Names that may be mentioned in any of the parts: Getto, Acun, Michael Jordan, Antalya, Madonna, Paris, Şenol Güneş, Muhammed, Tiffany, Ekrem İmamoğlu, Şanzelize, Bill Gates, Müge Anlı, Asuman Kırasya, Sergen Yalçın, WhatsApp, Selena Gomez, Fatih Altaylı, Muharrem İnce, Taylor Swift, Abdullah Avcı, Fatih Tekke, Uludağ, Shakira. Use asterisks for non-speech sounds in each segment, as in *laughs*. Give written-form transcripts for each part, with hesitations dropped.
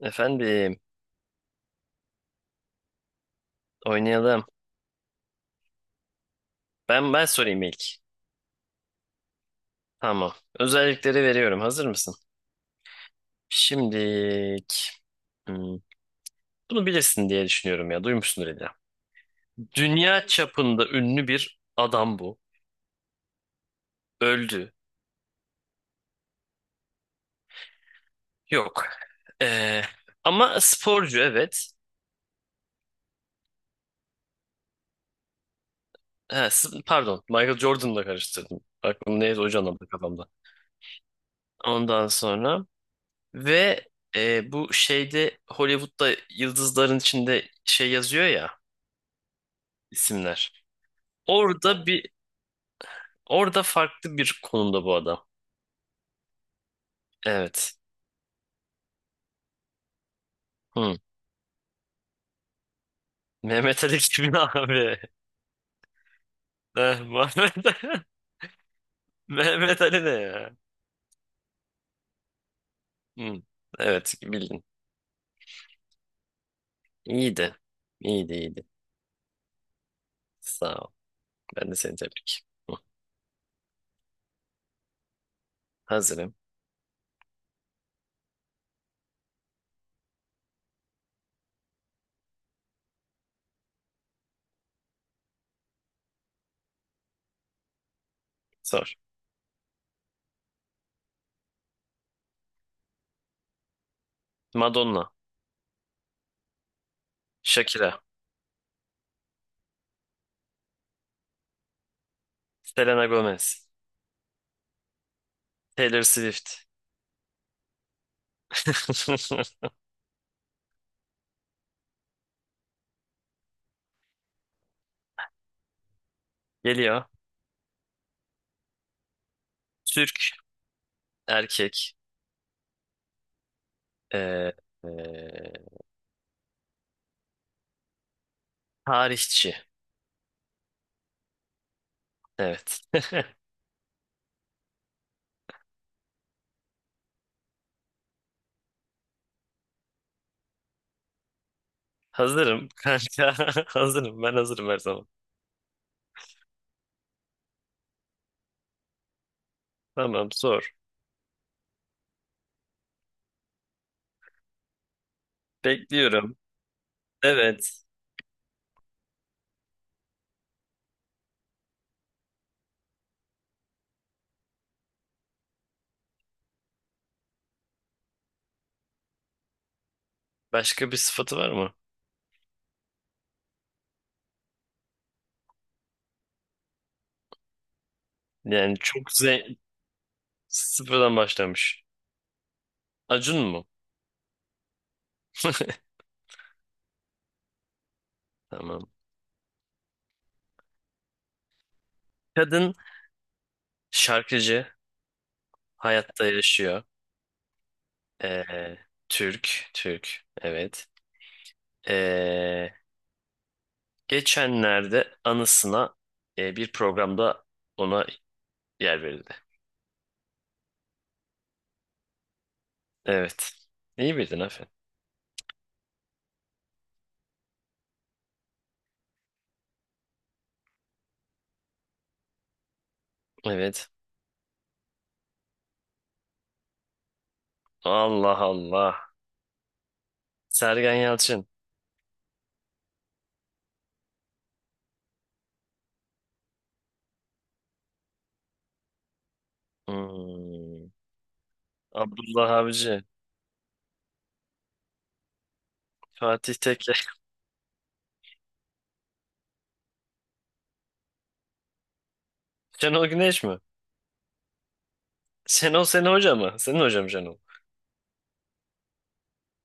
Efendim, oynayalım. Ben sorayım ilk. Tamam. Özellikleri veriyorum. Hazır mısın? Şimdilik. hmm, bunu bilirsin diye düşünüyorum ya. Duymuşsundur illa. Dünya çapında ünlü bir adam bu. Öldü. Yok. Ee, ama sporcu evet. Ha, pardon. Michael Jordan'la karıştırdım. Aklım neyse o canlandı kafamda. Ondan sonra ve bu şeyde Hollywood'da yıldızların içinde şey yazıyor ya, isimler. Orada bir orada farklı bir konumda bu adam. Evet. Hı. Mehmet Ali kimin *laughs* abi? Muhammed. *laughs* Mehmet Ali ne ya? Hı. Evet, bildin. İyiydi. İyiydi, iyiydi. Sağ ol. Ben de seni tebrik. Hı. Hazırım. Sor. Madonna. Shakira. Selena Gomez. Taylor Swift. *laughs* Geliyor. Türk, erkek. Ee, ee, tarihçi. Evet. *laughs* Hazırım kanka. *laughs* Hazırım. Ben hazırım her zaman. Tamam, sor. Bekliyorum. Evet. Başka bir sıfatı var mı? Yani çok zen sıfırdan başlamış. Acun mu? Tamam. Kadın, şarkıcı. Hayatta yaşıyor. Ee, Türk. Türk. Evet. Ee, geçenlerde anısına bir programda ona yer verildi. Evet. İyi bildin, aferin. Evet. Allah Allah. Sergen Yalçın. Hmm. Abdullah Avcı. Fatih Tekke. *laughs* Şenol Güneş mi? Şenol senin hoca mı? Senin hocam Şenol.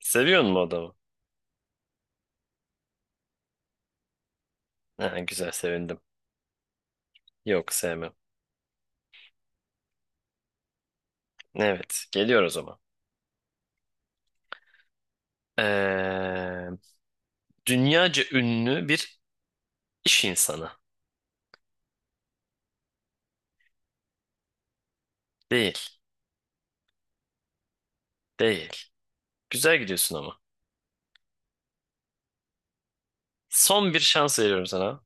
Seviyor musun o adamı? Ha, güzel, sevindim. Yok, sevmem. Evet, geliyor o zaman. Ee, dünyaca ünlü bir iş insanı. Değil. Değil. Güzel gidiyorsun ama. Son bir şans veriyorum sana.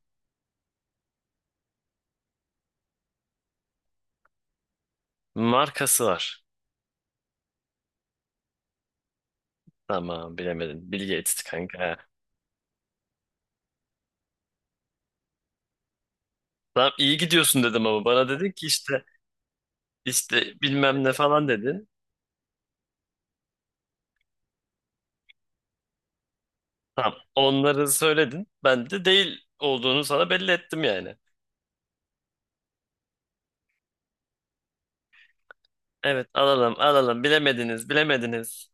Markası var. Tamam, bilemedin. Bill Gates kanka. Tamam, iyi gidiyorsun dedim ama bana dedin ki işte, işte bilmem ne falan dedin. Tamam. Onları söyledin. Ben de değil olduğunu sana belli ettim yani. Evet, alalım alalım. Bilemediniz, bilemediniz.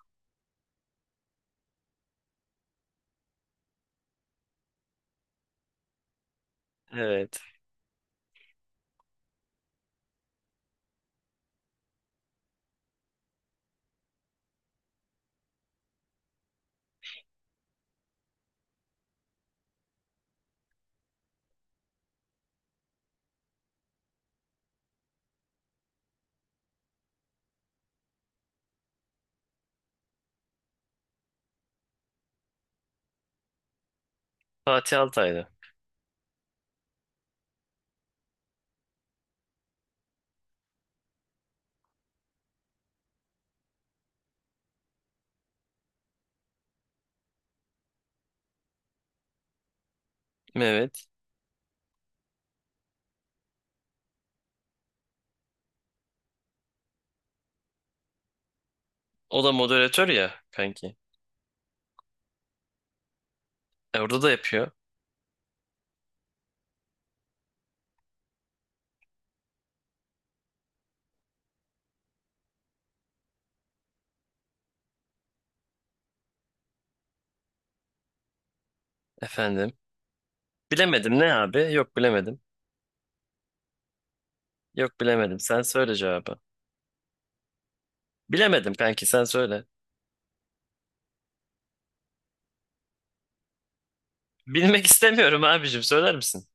Evet. Fatih Altaylı. Evet. O da moderatör ya kanki. Orada da yapıyor. Efendim. Bilemedim ne abi? Yok, bilemedim. Yok, bilemedim. Sen söyle cevabı. Bilemedim kanki, sen söyle. Bilmek istemiyorum abicim, söyler misin?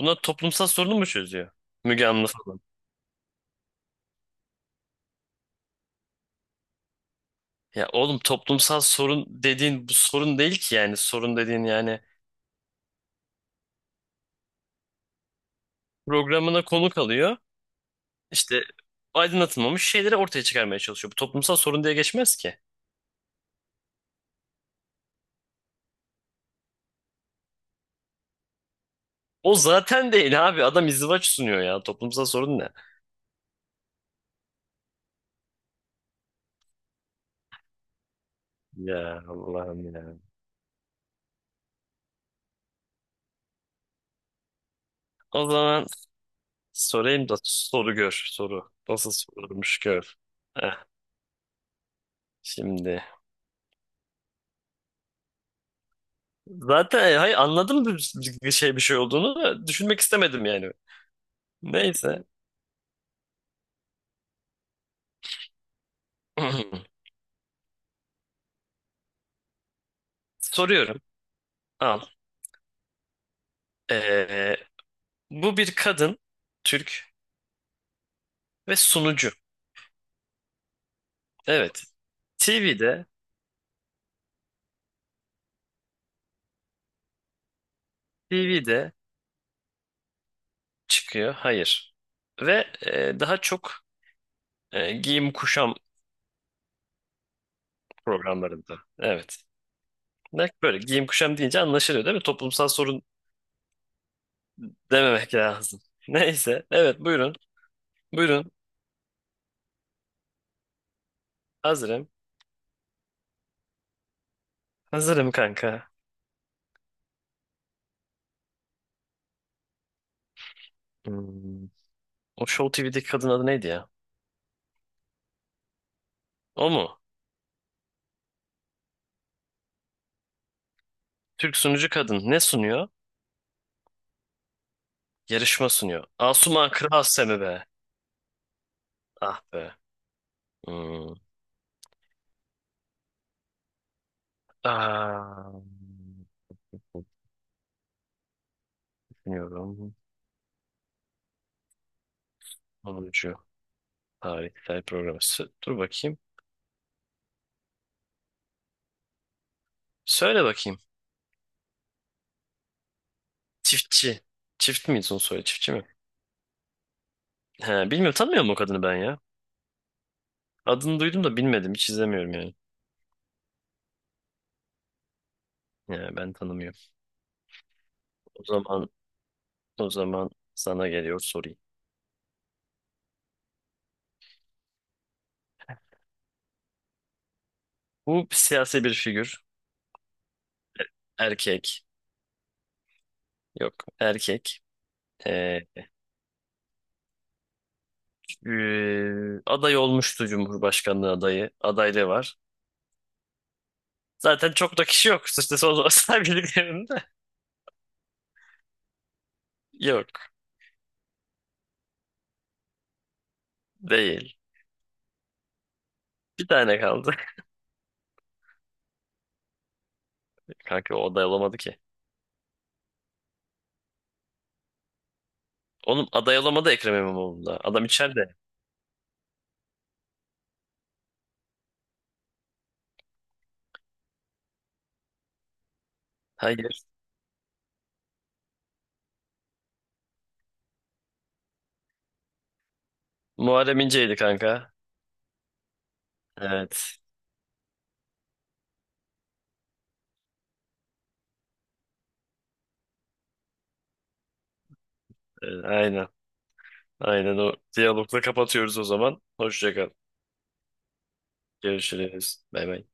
Bunlar toplumsal sorunu mu çözüyor? Müge Anlı falan. Ya oğlum, toplumsal sorun dediğin bu sorun değil ki yani. Sorun dediğin yani, programına konuk alıyor. İşte aydınlatılmamış şeyleri ortaya çıkarmaya çalışıyor. Bu toplumsal sorun diye geçmez ki. O zaten değil abi. Adam izdivaç sunuyor ya. Toplumsal sorun ne? Ya Allah'ım ya. O zaman sorayım da soru gör. Soru. Nasıl sorulmuş gör. Heh, şimdi. Zaten hayır, anladım bir şey olduğunu da düşünmek istemedim yani. Neyse. *clears throat* Soruyorum. Al. Ee, bu bir kadın, Türk ve sunucu. Evet. TV'de, TV'de çıkıyor. Hayır. Ve daha çok giyim kuşam programlarında. Evet. Böyle giyim kuşam deyince anlaşılıyor değil mi? Toplumsal sorun dememek lazım. *laughs* Neyse. Evet, buyurun. Buyurun. Hazırım. Hazırım kanka. Hmm. O Show TV'deki kadın adı neydi ya? O mu? Türk sunucu kadın ne sunuyor? Yarışma sunuyor. Asuman Kırasya mı be? Ah be. Hmm. Aa, düşünüyorum. Sunucu. Tarihsel program. Dur bakayım. Söyle bakayım. Çiftçi. Çift mi son soyadı? Çiftçi mi? He, bilmiyorum, tanımıyorum o kadını ben ya. Adını duydum da bilmedim. Hiç izlemiyorum yani. Ya, ben tanımıyorum. O zaman o zaman sana geliyor, sorayım. Bu siyasi bir figür. Erkek. Yok. Erkek. Ee, aday olmuştu, Cumhurbaşkanlığı adayı. Adaylığı var. Zaten çok da kişi yok. İşte son *laughs* olarak. Yok. Değil. Bir tane kaldı. *laughs* Kanka, o aday olamadı ki. Oğlum, aday olamadı Ekrem İmamoğlu'nda. Adam içeride. Hayır. Muharrem İnce'ydi kanka. Evet. Aynen. Aynen o diyalogla kapatıyoruz o zaman. Hoşça kal. Görüşürüz. Bay bay.